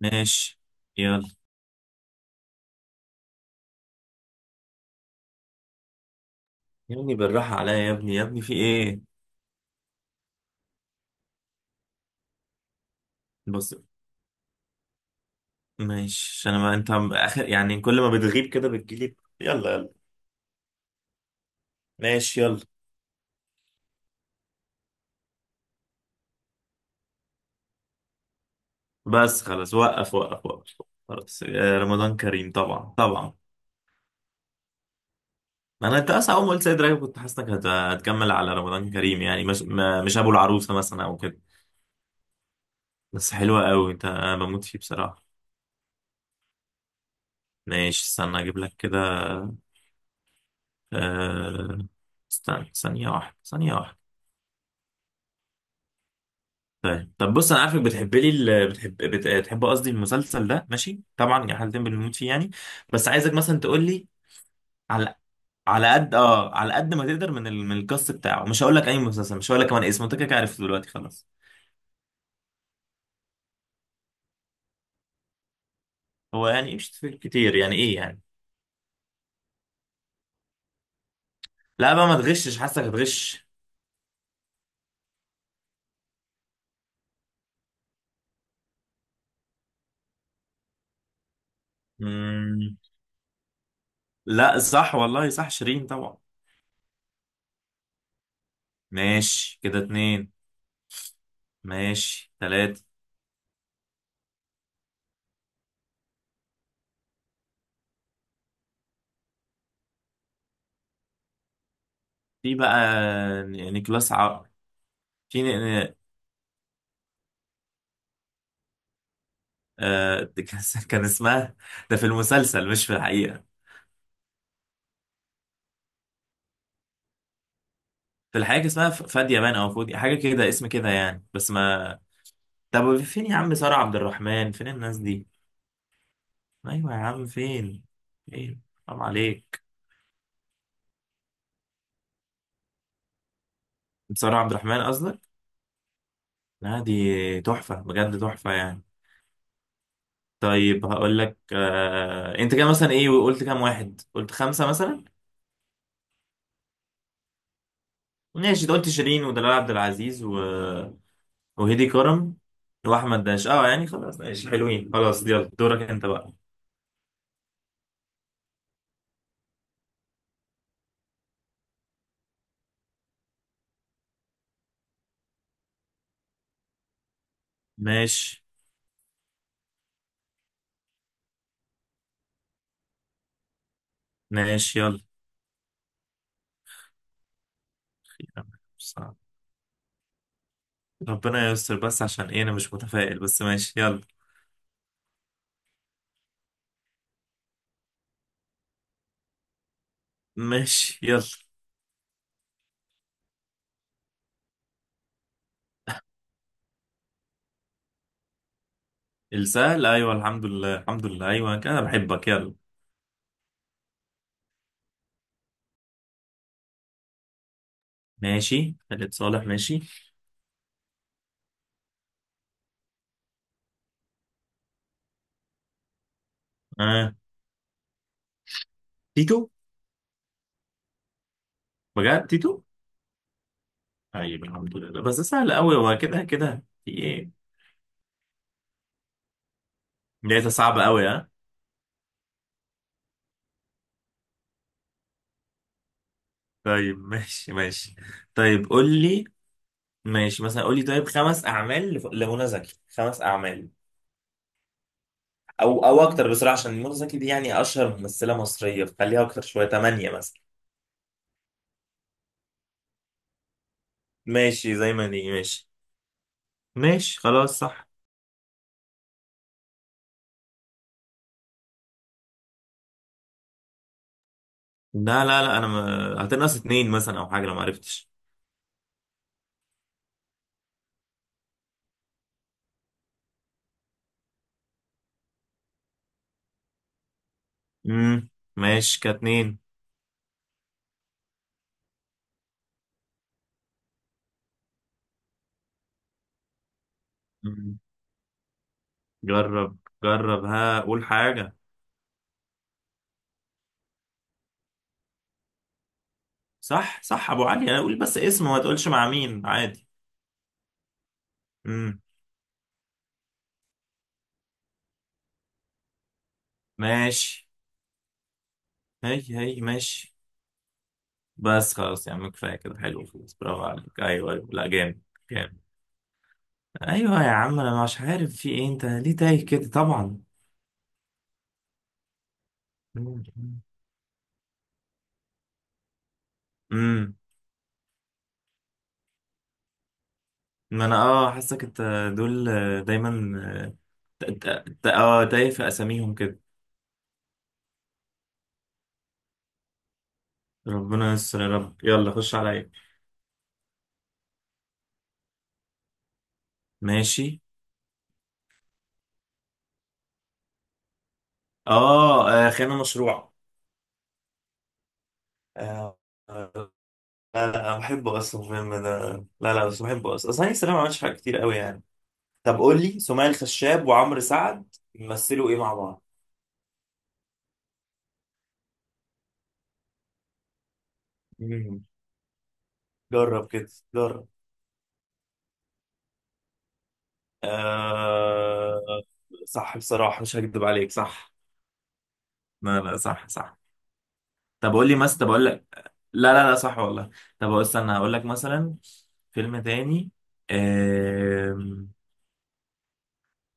ماشي، يلا، يا ابني بالراحة عليا، يا ابني يا ابني في ايه؟ بص، ماشي، عشان ما انت اخر يعني، كل ما بتغيب كده بتجيلي. يلا يلا، ماشي يلا، بس خلاص، وقف وقف وقف، خلاص، آه، رمضان كريم، طبعا طبعا. انت اصلا اول ما قلت سيد رجب كنت حاسسك هتكمل على رمضان كريم، يعني مش مش ابو العروسة مثلا او كده. بس حلوة قوي، انت انا بموت فيه بصراحة. ماشي استنى اجيب لك كده. آه، استنى ثانية واحدة، ثانية واحدة. طيب بص، انا عارفك بتحب لي بتحب بتحب قصدي المسلسل ده، ماشي طبعا، يا حالتين بنموت فيه يعني. بس عايزك مثلا تقول لي على على قد اه على قد ما تقدر من القص بتاعه، مش هقول لك اي مسلسل، مش هقول لك كمان اسمه، انت كده كده عرفته دلوقتي خلاص. هو يعني مش تفرق كتير يعني، ايه يعني؟ لا بقى ما تغشش، حاسك هتغش. مم... لا صح والله، صح، شيرين طبعا. ماشي كده اتنين. ماشي تلاتة. في بقى نيكلاس عقل. في آه، كان اسمها. ده في المسلسل مش في الحقيقة. في الحقيقة كان اسمها فادية بان أو فودي، حاجة كده، اسم كده يعني، بس ما. طب فين يا عم؟ سارة عبد الرحمن، فين الناس دي؟ أيوة يا عم، فين، فين؟ حرام عليك. سارة عبد الرحمن قصدك؟ لا دي تحفة، بجد تحفة يعني. طيب هقول لك. انت كده مثلا ايه، وقلت كام واحد؟ قلت خمسة مثلا. ماشي، ده قلت شيرين ودلال عبد العزيز وهيدي كرم واحمد داش، يعني خلاص، ماشي حلوين، خلاص يلا، دورك انت بقى. ماشي ماشي، يلا، يلا، صعب. ربنا يستر بس، عشان ايه انا مش متفائل، بس ماشي يلا. ماشي يلا. السهل، ايوه، الحمد لله الحمد لله، ايوه كده، انا بحبك، يلا. ماشي خالد صالح ماشي. آه. تيتو، بجد تيتو. طيب الحمد لله، بس ده سهل قوي، هو كده كده في ايه؟ لقيتها صعبة قوي، ها. طيب ماشي ماشي. طيب قول لي. ماشي مثلا، قولي طيب خمس اعمال لمنى زكي، خمس اعمال. او اكتر بصراحه، عشان منى زكي دي يعني اشهر ممثله مصريه، فخليها اكتر شويه، ثمانيه مثلا. ماشي زي ما دي ماشي. ماشي خلاص صح. لا لا لا، انا ما... هتنقص اتنين مثلا او حاجه لو ما عرفتش. امم ماشي كاتنين. مم. جرب، جرب، ها قول حاجه. صح صح، ابو علي، انا اقول بس اسمه، ما تقولش مع مين عادي. امم ماشي. هي هي ماشي. بس خلاص يا عم، كفاية كده، حلو، خلاص، برافو عليك، أيوه أيوه، لا جامد، جامد. أيوه يا عم، أنا مش عارف في إيه، أنت ليه تايه كده طبعا؟ امم ما أنا حاسك أنت دول دايما ت- ت- ت- أه تايه في أساميهم كده. ربنا يستر يا رب، يلا خش عليا. ماشي. أه آه، خيانة مشروع. آه، آه، لا لا أنا بحبه أصلا الفيلم ده. لا لا، بس بحبه أصلا أصلا، هاني سلامة ما عملش حاجة كتير قوي يعني. طب قول لي، سمية الخشاب وعمرو سعد يمثلوا ايه مع بعض؟ مم. جرب كده، جرب. آه... صح بصراحة، مش هكدب عليك، صح. لا لا، صح صح. طب قول لي مثلا، طب اقول لك. لا لا لا، صح والله. طب استنى هقول لك مثلا فيلم تاني. آم...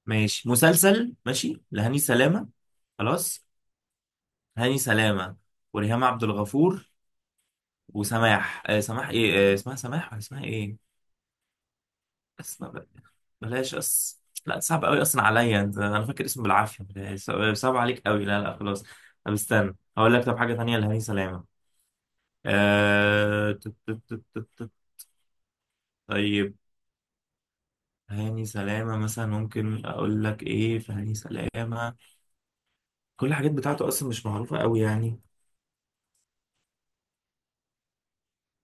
ماشي مسلسل ماشي لهاني سلامة، خلاص، هاني سلامة وريهام عبد الغفور وسماح، سماح ايه، اسمها سماح ولا اسمها ايه؟ اس ما- بقى- بلاش اس. لا، صعب قوي اصلا عليا انت، انا فاكر اسمه بالعافيه، بلاش. صعب عليك قوي، لا لا خلاص. طب استنى هقول لك طب حاجه تانية لهاني سلامه. آه... تت- تت- تت- تت- تت. طيب. هاني سلامه مثلا، ممكن اقول لك ايه في هاني سلامه؟ كل الحاجات بتاعته اصلا مش معروفه قوي يعني.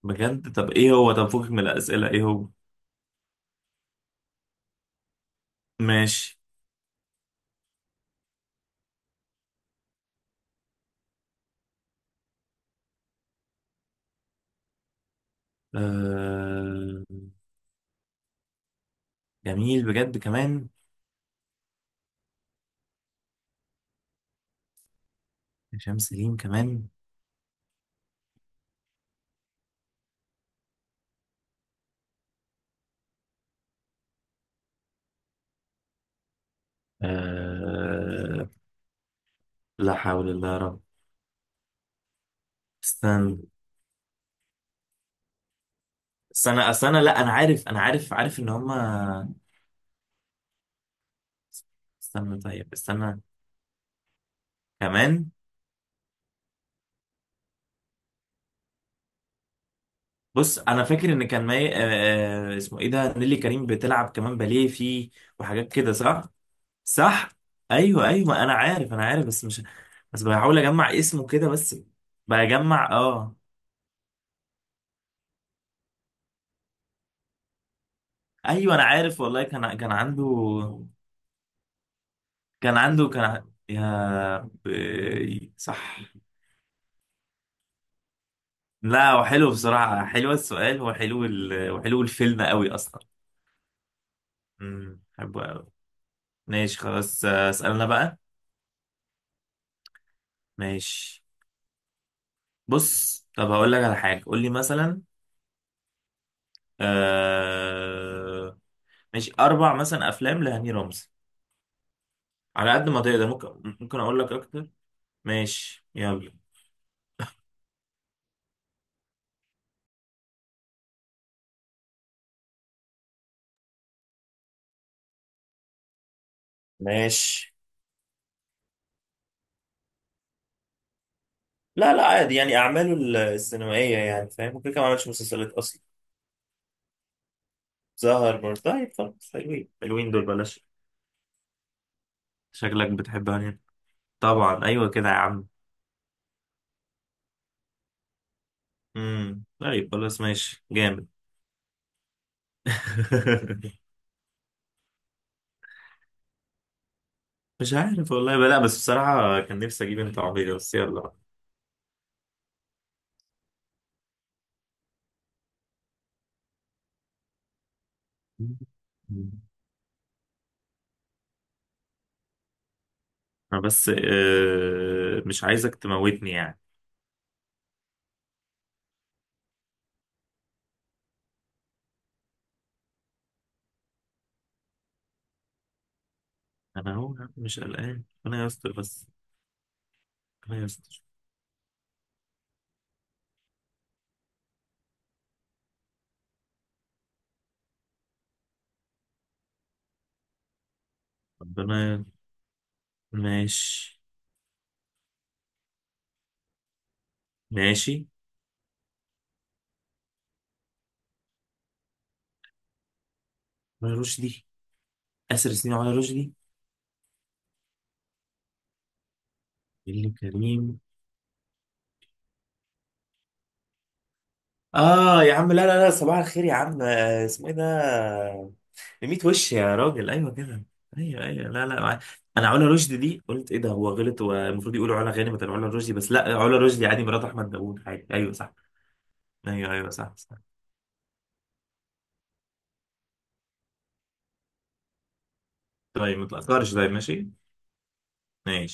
بجد؟ طب ايه هو؟ طب فوقك من الاسئله، ايه هو؟ ماشي. آه... جميل، بجد كمان. هشام سليم كمان. آه... لا حول الله. استنى استنى استنى، لا انا عارف، انا عارف ان هما. استنى طيب استنى كمان. بص انا فاكر ان كان مي... آه... آه، اسمه ايه ده، نيلي كريم بتلعب كمان باليه فيه، وحاجات كده صح. صح، ايوه ايوه، انا عارف بس مش، بس بحاول اجمع اسمه كده بس. بجمع، ايوه انا عارف والله، كان عنده، كان عنده كان ع- يا ب... صح. لا هو حلو بصراحة، حلو السؤال وحلو الفيلم قوي أصلا. بحبه قوي. ماشي خلاص، آه، اسألنا بقى. ماشي. بص طب هقول لك على حاجة، قول لي مثلا. آه... ماشي، أربع مثلا أفلام لهاني رمزي، على قد ما تقدر. ممكن أقول لك أكتر. ماشي يلا، ماشي. لا لا عادي، يعني أعماله السينمائية يعني فاهم، ممكن كمان ما عملش مسلسلات أصلا. ظهر برضه. طيب خلاص، حلوين حلوين دول، بلاش. شكلك بتحب هاني. طبعا، ايوه كده يا عم. طيب خلاص، ماشي جامد. مش عارف والله بقى، لا، بس بصراحة كان نفسي أجيب أنت عربية، بس يلا بقى. مم. أنا بس، مش عايزك تموتني يعني. أنا هو مش قلقان، ربنا يستر بس، ربنا يستر، ربنا. ماشي ماشي، على رشدي، آسر سنين، على رشدي، نيللي كريم. آه يا عم، لا لا لا، صباح الخير يا عم. آه، اسمه إيه ده؟ ميت وش يا راجل، ايوه كده. ايوه ايوه، لا لا، انا علا رشدي دي قلت ايه ده، هو غلط والمفروض يقولوا علا غانم بدل علا رشدي، بس لا علا رشدي عادي، مرات احمد داوود عادي، ايوه صح. ايوه ايوه صح صح. طيب ما تاثرش، طيب ماشي. ماشي.